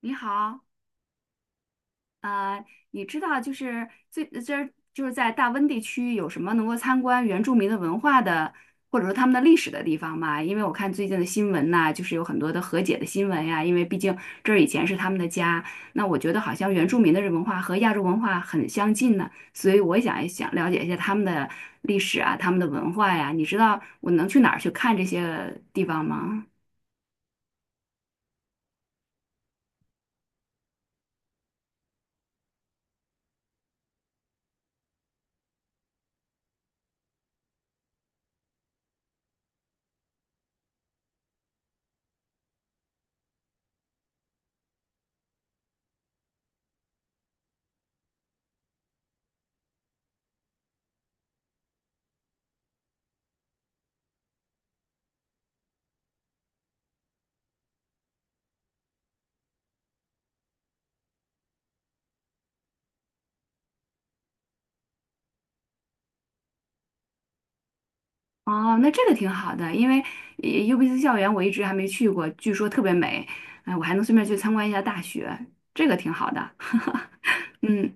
你好，呃，你知道就是在大温地区有什么能够参观原住民的文化的，或者说他们的历史的地方吗？因为我看最近的新闻呐、就是有很多的和解的新闻呀、因为毕竟这儿以前是他们的家，那我觉得好像原住民的文化和亚洲文化很相近呢，所以我也想了解一下他们的历史啊，他们的文化呀、你知道我能去哪儿去看这些地方吗？哦，那这个挺好的，因为UBC 校园我一直还没去过，据说特别美，哎，我还能顺便去参观一下大学，这个挺好的。嗯。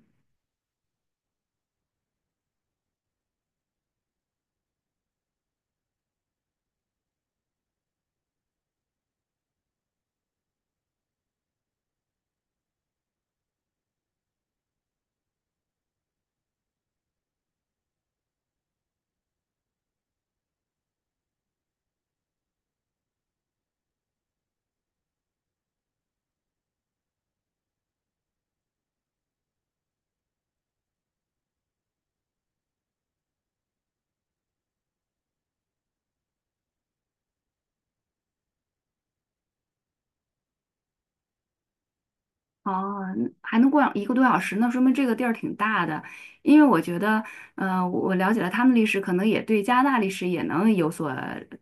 哦，那还能过一个多小时，那说明这个地儿挺大的。因为我觉得，嗯，我了解了他们历史，可能也对加拿大历史也能有所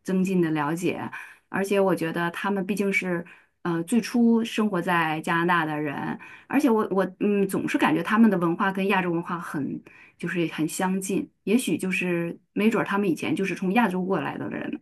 增进的了解。而且我觉得他们毕竟是，最初生活在加拿大的人，而且我嗯，总是感觉他们的文化跟亚洲文化很就是很相近，也许就是没准儿他们以前就是从亚洲过来的人呢。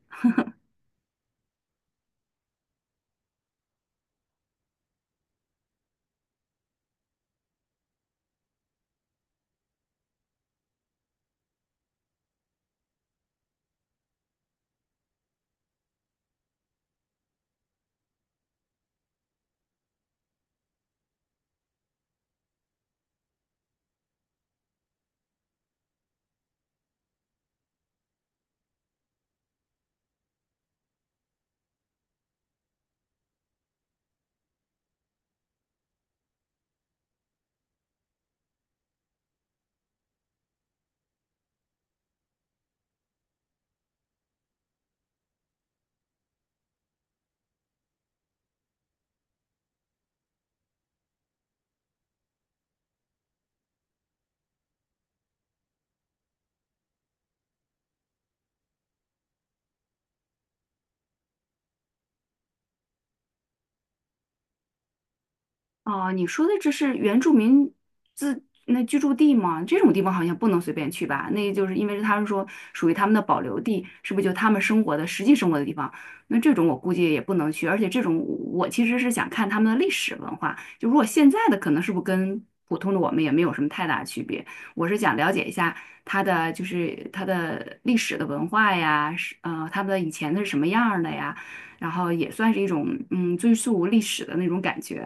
哦，你说的这是原住民自那居住地吗？这种地方好像不能随便去吧？那就是因为他们说属于他们的保留地，是不是就他们生活的实际生活的地方？那这种我估计也不能去，而且这种我其实是想看他们的历史文化。就如果现在的可能是不是跟普通的我们也没有什么太大区别？我是想了解一下它的就是它的历史的文化呀，是他们的以前的是什么样儿的呀，然后也算是一种嗯追溯历史的那种感觉。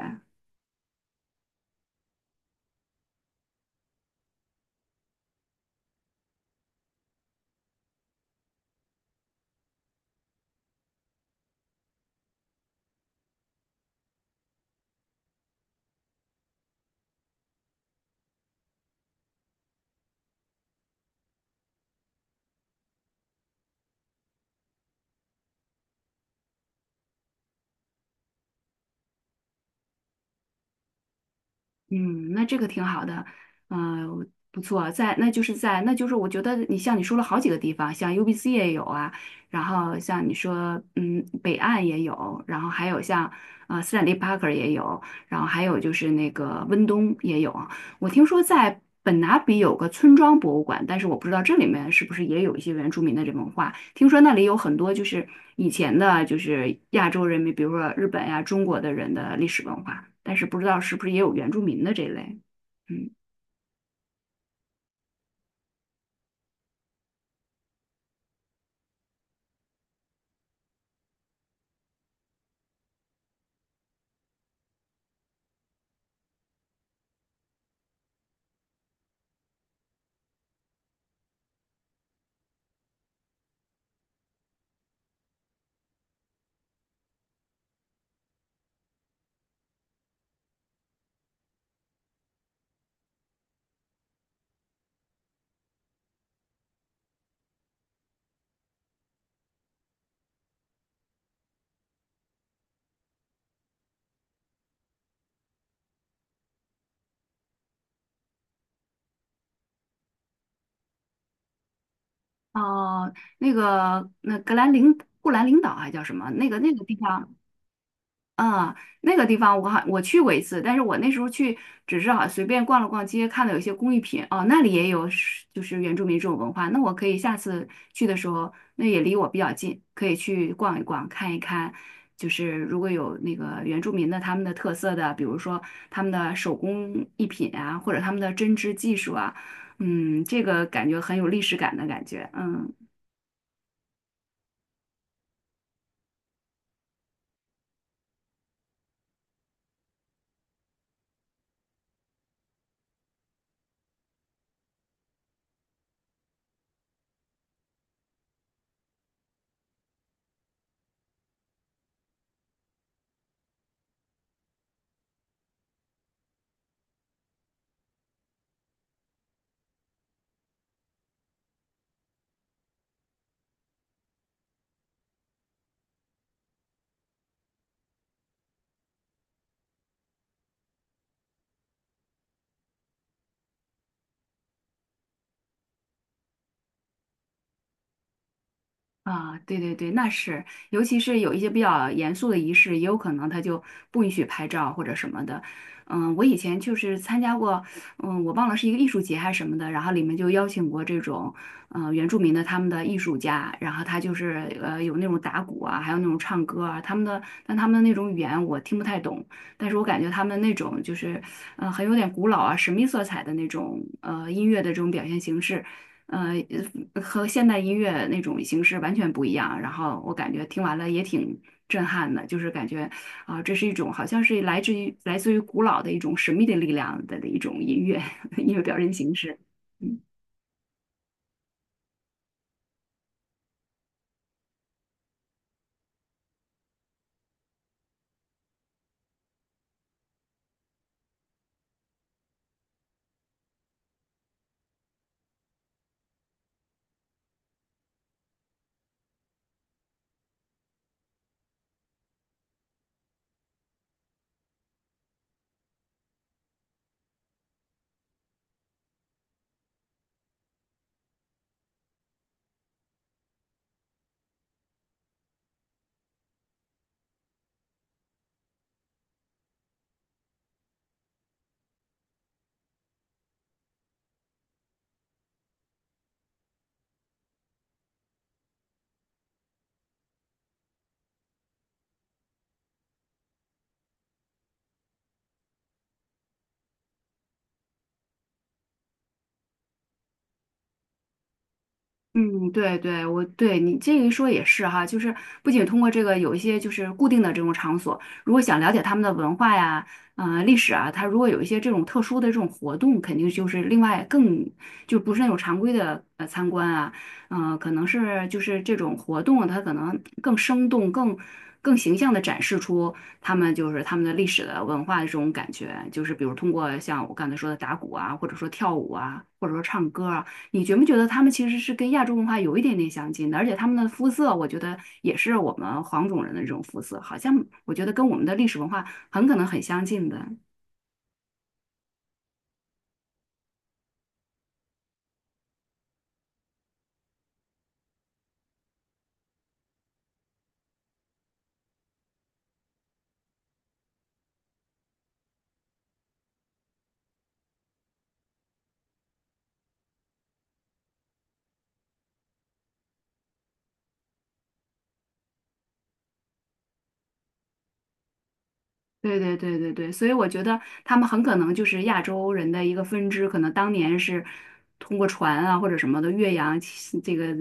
嗯，那这个挺好的，嗯、不错，在那就是在那就是我觉得你像你说了好几个地方，像 UBC 也有啊，然后像你说嗯北岸也有，然后还有像斯坦利·帕克也有，然后还有就是那个温东也有，我听说在本拿比有个村庄博物馆，但是我不知道这里面是不是也有一些原住民的这文化。听说那里有很多就是以前的，就是亚洲人民，比如说日本呀、中国的人的历史文化，但是不知道是不是也有原住民的这类。嗯，哦、那个那格兰林布兰领导还叫什么？那个那个地方。啊，那个地方我去过一次，但是我那时候去只是好随便逛了逛街，看到有一些工艺品哦，那里也有是就是原住民这种文化，那我可以下次去的时候，那也离我比较近，可以去逛一逛，看一看，就是如果有那个原住民的他们的特色的，比如说他们的手工艺品啊，或者他们的针织技术啊，嗯，这个感觉很有历史感的感觉，嗯。啊，对对对，那是，尤其是有一些比较严肃的仪式，也有可能他就不允许拍照或者什么的。嗯，我以前就是参加过，嗯，我忘了是一个艺术节还是什么的，然后里面就邀请过这种，原住民的他们的艺术家，然后他就是有那种打鼓啊，还有那种唱歌啊，他们的，但他们的那种语言我听不太懂，但是我感觉他们那种就是，很有点古老啊，神秘色彩的那种音乐的这种表现形式。呃，和现代音乐那种形式完全不一样。然后我感觉听完了也挺震撼的，就是感觉啊、这是一种好像是来自于古老的一种神秘的力量的一种音乐 音乐表现形式。嗯。嗯，对对，我对你这一说也是哈，就是不仅通过这个有一些就是固定的这种场所，如果想了解他们的文化呀、历史啊，他如果有一些这种特殊的这种活动，肯定就是另外更就不是那种常规的参观啊，嗯、可能是就是这种活动它可能更生动、更形象的展示出他们就是他们的历史的文化的这种感觉，就是比如通过像我刚才说的打鼓啊，或者说跳舞啊，或者说唱歌啊。你觉不觉得他们其实是跟亚洲文化有一点点相近的？而且他们的肤色，我觉得也是我们黄种人的这种肤色，好像我觉得跟我们的历史文化很可能很相近的。对对对对对，所以我觉得他们很可能就是亚洲人的一个分支，可能当年是通过船啊或者什么的越洋起这个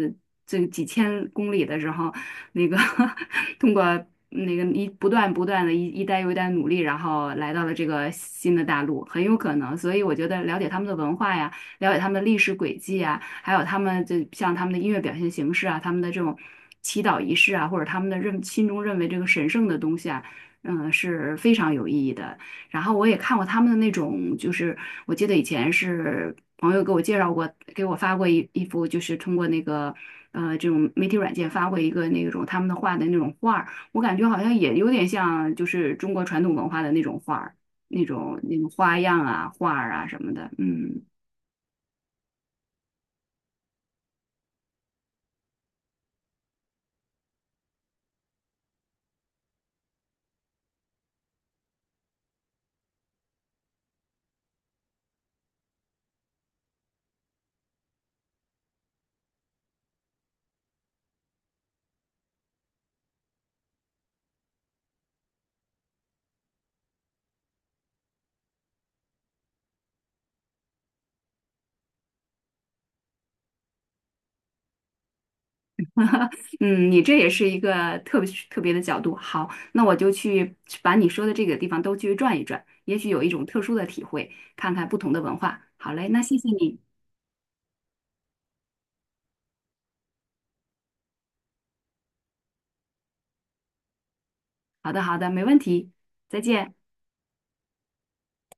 这个几千公里的时候，那个 通过那个不断的一代又一代努力，然后来到了这个新的大陆，很有可能。所以我觉得了解他们的文化呀。了解他们的历史轨迹啊，还有他们就像他们的音乐表现形式啊，他们的这种祈祷仪式啊，或者他们的心中认为这个神圣的东西啊，嗯，是非常有意义的。然后我也看过他们的那种，就是我记得以前是朋友给我介绍过，给我发过一幅，就是通过那个这种媒体软件发过一个那种他们的画的那种画儿，我感觉好像也有点像就是中国传统文化的那种画儿，那种花样啊、画儿啊什么的，嗯。嗯，你这也是一个特别的角度。好，那我就去把你说的这个地方都去转一转，也许有一种特殊的体会，看看不同的文化。好嘞，那谢谢你。好的，好的，没问题，再见。